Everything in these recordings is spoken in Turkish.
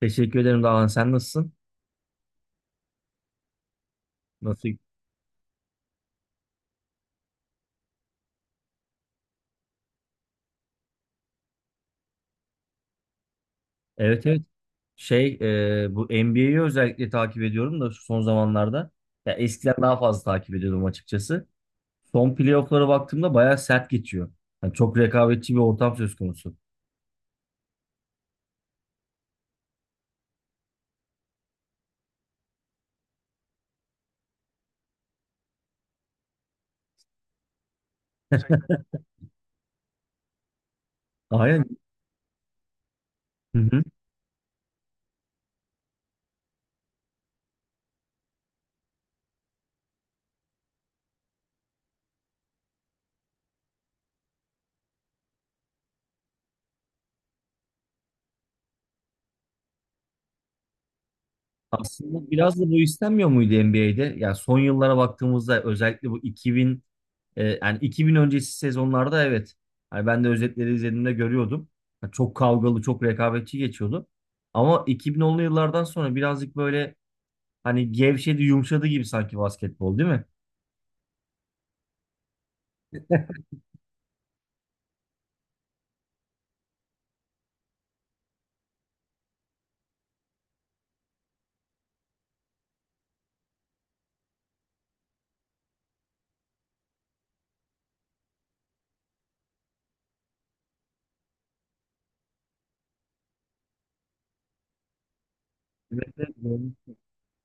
Teşekkür ederim Dağhan. Sen nasılsın? Nasıl? Evet evet. Şey, bu NBA'yi özellikle takip ediyorum da şu son zamanlarda. Ya eskiden daha fazla takip ediyordum açıkçası. Son playoff'lara baktığımda bayağı sert geçiyor. Yani çok rekabetçi bir ortam söz konusu. Aynen. Hı hı. Aslında biraz da bu istenmiyor muydu NBA'de? Yani son yıllara baktığımızda özellikle bu. Yani 2000 öncesi sezonlarda evet. Hani ben de özetleri izlediğimde görüyordum. Ya çok kavgalı, çok rekabetçi geçiyordu. Ama 2010'lu yıllardan sonra birazcık böyle hani gevşedi, yumuşadı gibi sanki basketbol değil mi? Evet, evet,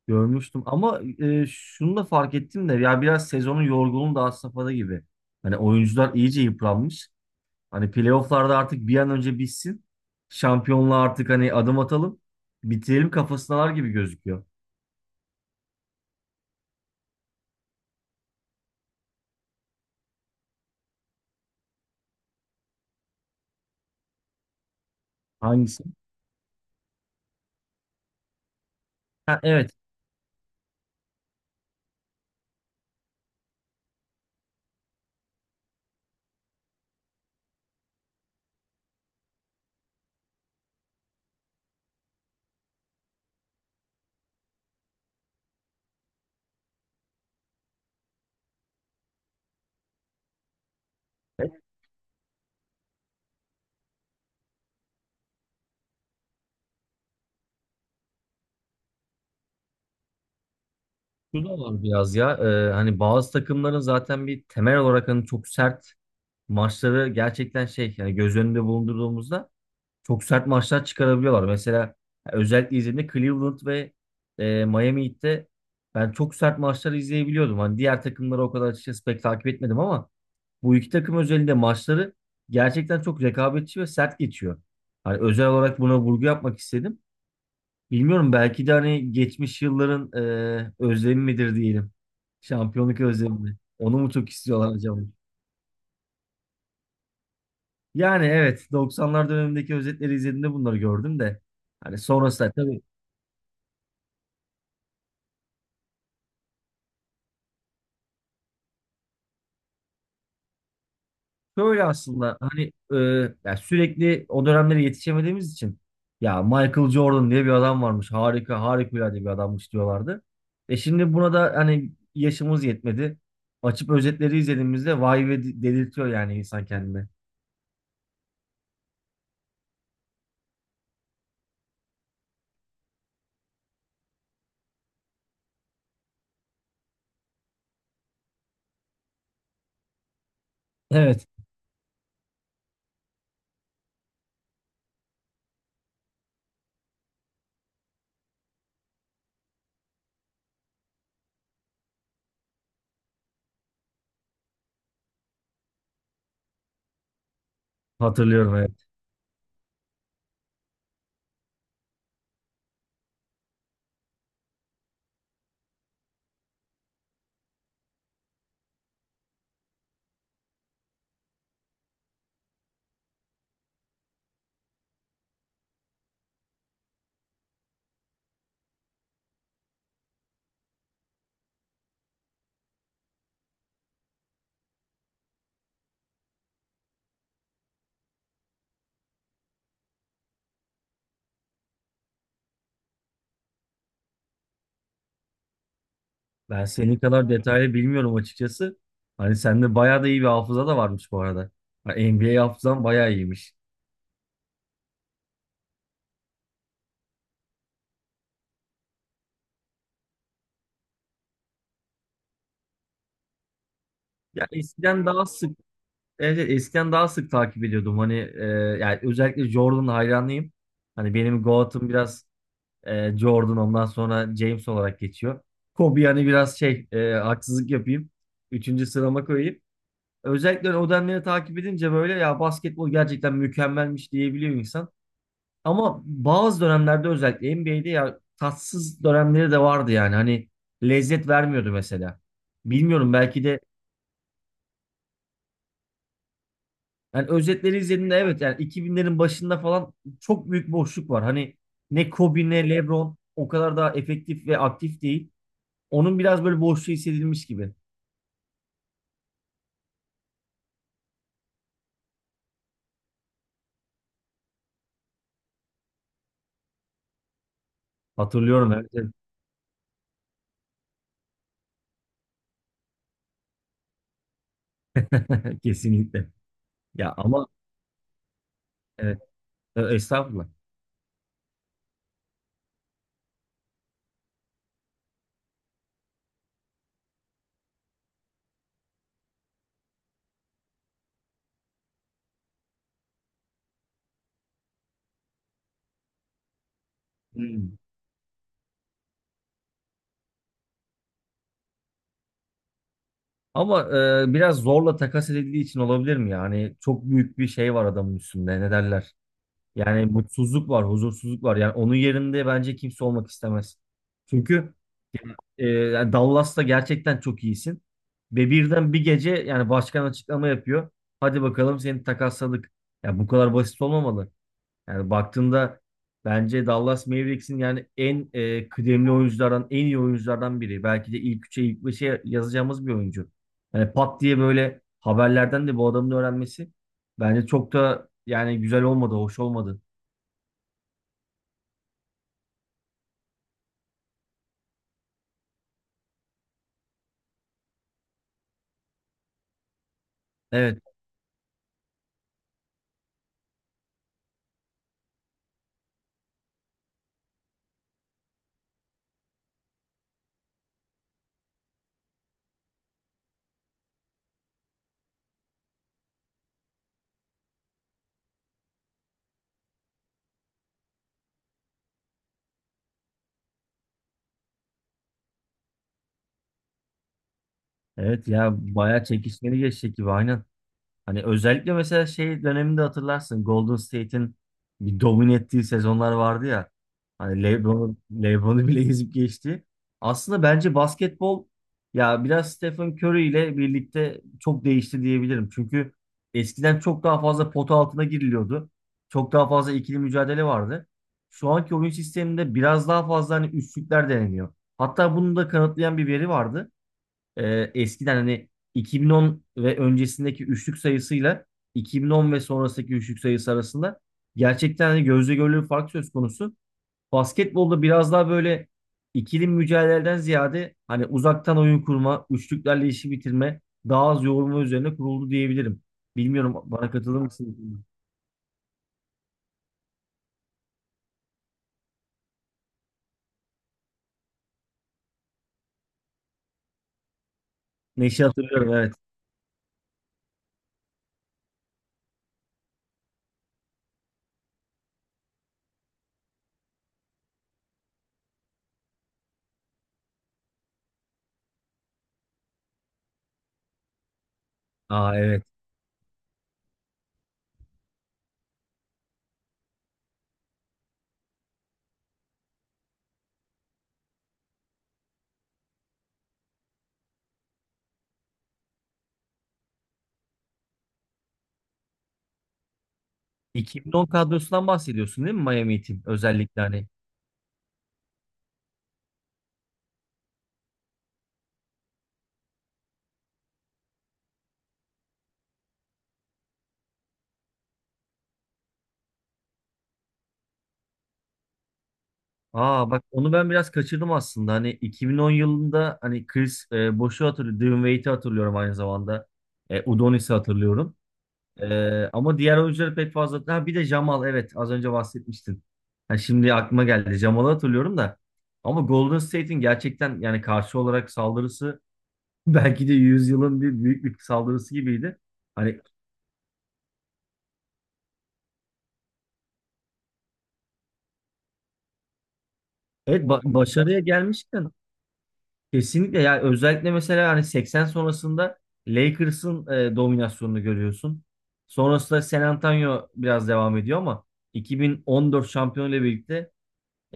görmüştüm. Ama şunu da fark ettim de ya biraz sezonun yorgunluğu da had safhada gibi. Hani oyuncular iyice yıpranmış. Hani playofflarda artık bir an önce bitsin. Şampiyonluğa artık hani adım atalım. Bitirelim kafasındalar gibi gözüküyor. Hangisi? Ha, evet. Şu da var biraz ya. Hani bazı takımların zaten bir temel olarak hani çok sert maçları gerçekten şey yani göz önünde bulundurduğumuzda çok sert maçlar çıkarabiliyorlar. Mesela özellikle izlediğimde Cleveland ve Miami Heat'te ben çok sert maçları izleyebiliyordum. Hani diğer takımları o kadar açıkçası pek takip etmedim ama bu iki takım özelinde maçları gerçekten çok rekabetçi ve sert geçiyor. Hani özel olarak buna vurgu yapmak istedim. Bilmiyorum belki de hani geçmiş yılların özlemi midir diyelim. Şampiyonluk özlemi mi? Onu mu çok istiyorlar acaba? Yani evet 90'lar dönemindeki özetleri izlediğimde bunları gördüm de. Hani sonrasında tabii şöyle aslında hani ya sürekli o dönemlere yetişemediğimiz için ya Michael Jordan diye bir adam varmış. Harika harikulade bir adammış diyorlardı. Şimdi buna da hani yaşımız yetmedi. Açıp özetleri izlediğimizde vay ve delirtiyor yani insan kendini. Evet. Hatırlıyorum evet. Ben senin kadar detaylı bilmiyorum açıkçası. Hani sende bayağı da iyi bir hafıza da varmış bu arada. Hani NBA hafızan bayağı iyiymiş. Ya eskiden daha sık, evet, evet, eskiden daha sık takip ediyordum. Hani yani özellikle Jordan hayranıyım. Hani benim GOAT'ım biraz Jordan, ondan sonra James olarak geçiyor. Kobe yani biraz şey haksızlık yapayım. Üçüncü sırama koyayım. Özellikle o dönemleri takip edince böyle ya basketbol gerçekten mükemmelmiş diyebiliyor insan. Ama bazı dönemlerde özellikle NBA'de ya tatsız dönemleri de vardı yani. Hani lezzet vermiyordu mesela. Bilmiyorum belki de yani özetleri izlediğimde evet yani 2000'lerin başında falan çok büyük boşluk var. Hani ne Kobe ne LeBron o kadar daha efektif ve aktif değil. Onun biraz böyle boşluğu hissedilmiş gibi. Hatırlıyorum evet. Evet. Kesinlikle. Ya ama evet, estağfurullah. Hmm. Ama biraz zorla takas edildiği için olabilir mi? Yani çok büyük bir şey var adamın üstünde. Ne derler? Yani mutsuzluk var, huzursuzluk var. Yani onun yerinde bence kimse olmak istemez. Çünkü yani Dallas'ta gerçekten çok iyisin. Ve birden bir gece yani başkan açıklama yapıyor. Hadi bakalım seni takasladık. Ya bu kadar basit olmamalı. Yani baktığında bence Dallas Mavericks'in yani en kıdemli oyunculardan, en iyi oyunculardan biri. Belki de ilk üçe, ilk beşe yazacağımız bir oyuncu. Yani pat diye böyle haberlerden de bu adamın öğrenmesi bence çok da yani güzel olmadı, hoş olmadı. Evet. Evet ya bayağı çekişmeli geçecek gibi aynen. Hani özellikle mesela şey döneminde hatırlarsın Golden State'in bir domine ettiği sezonlar vardı ya. Hani LeBron, LeBron'u bile ezip geçti. Aslında bence basketbol ya biraz Stephen Curry ile birlikte çok değişti diyebilirim. Çünkü eskiden çok daha fazla pota altına giriliyordu. Çok daha fazla ikili mücadele vardı. Şu anki oyun sisteminde biraz daha fazla hani üçlükler deneniyor. Hatta bunu da kanıtlayan bir veri vardı, eskiden hani 2010 ve öncesindeki üçlük sayısıyla 2010 ve sonrasındaki üçlük sayısı arasında gerçekten hani gözle görülür bir fark söz konusu. Basketbolda biraz daha böyle ikili mücadeleden ziyade hani uzaktan oyun kurma, üçlüklerle işi bitirme, daha az yoğurma üzerine kuruldu diyebilirim. Bilmiyorum, bana katılır mısın? Neşe hatırlıyorum evet. Aa evet. 2010 kadrosundan bahsediyorsun değil mi Miami Heat'in özellikle hani... Aa bak onu ben biraz kaçırdım aslında. Hani 2010 yılında hani Chris Bosh'u hatırlıyorum. Dylan Wade'i hatırlıyorum aynı zamanda. Udonis'i hatırlıyorum. Ama diğer oyuncuları pek fazla... Ha, bir de Jamal, evet, az önce bahsetmiştin. Ha, şimdi aklıma geldi. Jamal'ı hatırlıyorum da. Ama Golden State'in gerçekten yani karşı olarak saldırısı belki de yüzyılın bir büyük bir saldırısı gibiydi. Hani evet, başarıya gelmişken kesinlikle ya, özellikle mesela hani 80 sonrasında Lakers'ın dominasyonunu görüyorsun. Sonrasında San Antonio biraz devam ediyor ama 2014 şampiyonuyla birlikte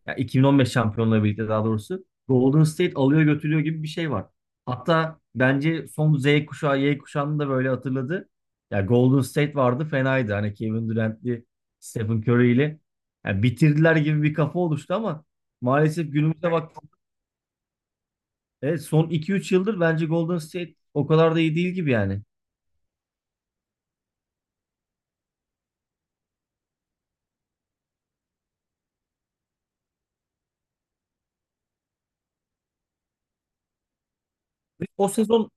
ya 2015 şampiyonuyla birlikte daha doğrusu Golden State alıyor götürüyor gibi bir şey var. Hatta bence son Z kuşağı Y kuşağını da böyle hatırladı. Ya Golden State vardı, fenaydı. Hani Kevin Durant'li, Stephen Curry'li, ya bitirdiler gibi bir kafa oluştu ama maalesef günümüze... Evet. Evet, son iki üç yıldır bence Golden State o kadar da iyi değil gibi yani. Ve o sezon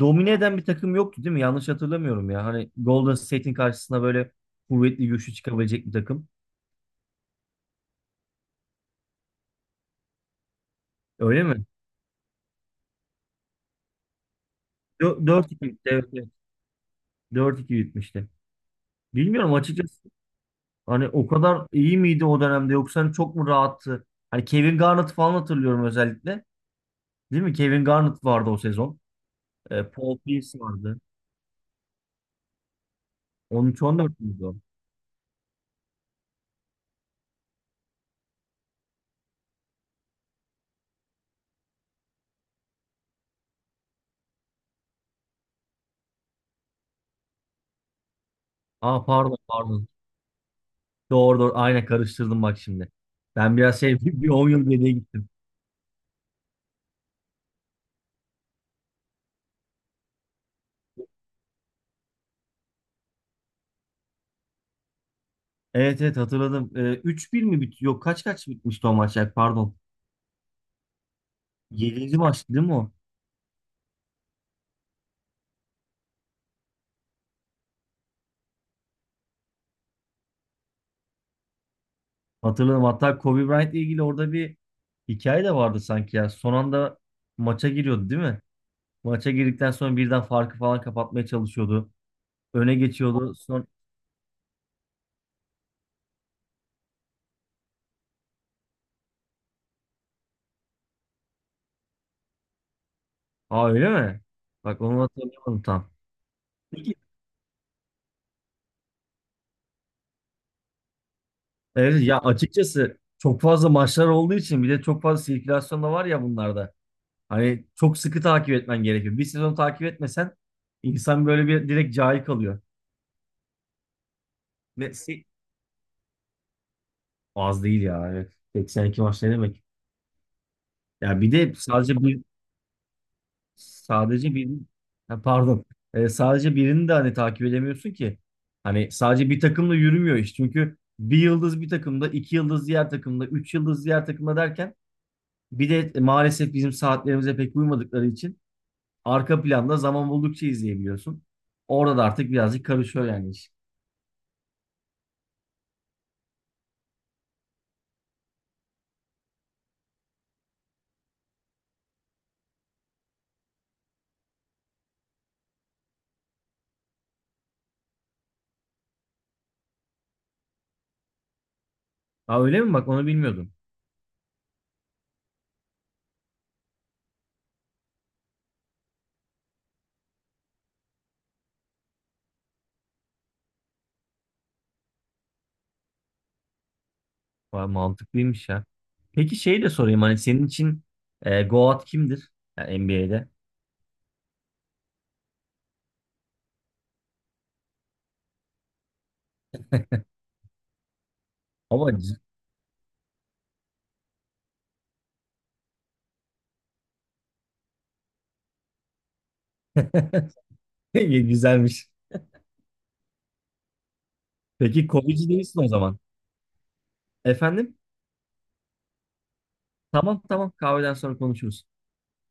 domine eden bir takım yoktu değil mi? Yanlış hatırlamıyorum ya. Hani Golden State'in karşısına böyle kuvvetli güçlü çıkabilecek bir takım. Öyle mi? 4-2 bitti. Evet, evet. 4-2 bitmişti. Bilmiyorum açıkçası. Hani o kadar iyi miydi o dönemde yoksa hani çok mu rahattı? Hani Kevin Garnett falan hatırlıyorum özellikle. Değil mi? Kevin Garnett vardı o sezon. Paul Pierce vardı. 13-14 müydü o? Aa pardon pardon. Doğru doğru. Aynen karıştırdım bak şimdi. Ben biraz şey bir 10 yıl geriye gittim. Evet evet hatırladım. 3-1 mi bitiyor? Yok kaç kaç bitmişti o maç ya, pardon. 7. maçtı değil mi o? Hatırladım. Hatta Kobe Bryant ile ilgili orada bir hikaye de vardı sanki ya. Son anda maça giriyordu değil mi? Maça girdikten sonra birden farkı falan kapatmaya çalışıyordu. Öne geçiyordu. Son... Aa öyle mi? Bak onu hatırlayamadım tam. Peki. Evet ya, açıkçası çok fazla maçlar olduğu için bir de çok fazla sirkülasyon da var ya bunlarda. Hani çok sıkı takip etmen gerekiyor. Bir sezon takip etmesen insan böyle bir direkt cahil kalıyor. Ve az değil ya. Evet. 82 maç ne demek? Ya bir de sadece bir sadece bir ha, pardon. Sadece birini de hani takip edemiyorsun ki. Hani sadece bir takımla yürümüyor iş. Çünkü bir yıldız bir takımda, iki yıldız diğer takımda, üç yıldız diğer takımda derken bir de maalesef bizim saatlerimize pek uymadıkları için arka planda zaman buldukça izleyebiliyorsun. Orada da artık birazcık karışıyor yani iş. Aa, öyle mi? Bak onu bilmiyordum. Vay, mantıklıymış ya. Peki şey de sorayım, hani senin için Goat kimdir? Yani NBA'de. Ama güzelmiş. Peki Kobe'ci değilsin o zaman. Efendim? Tamam tamam, kahveden sonra konuşuruz.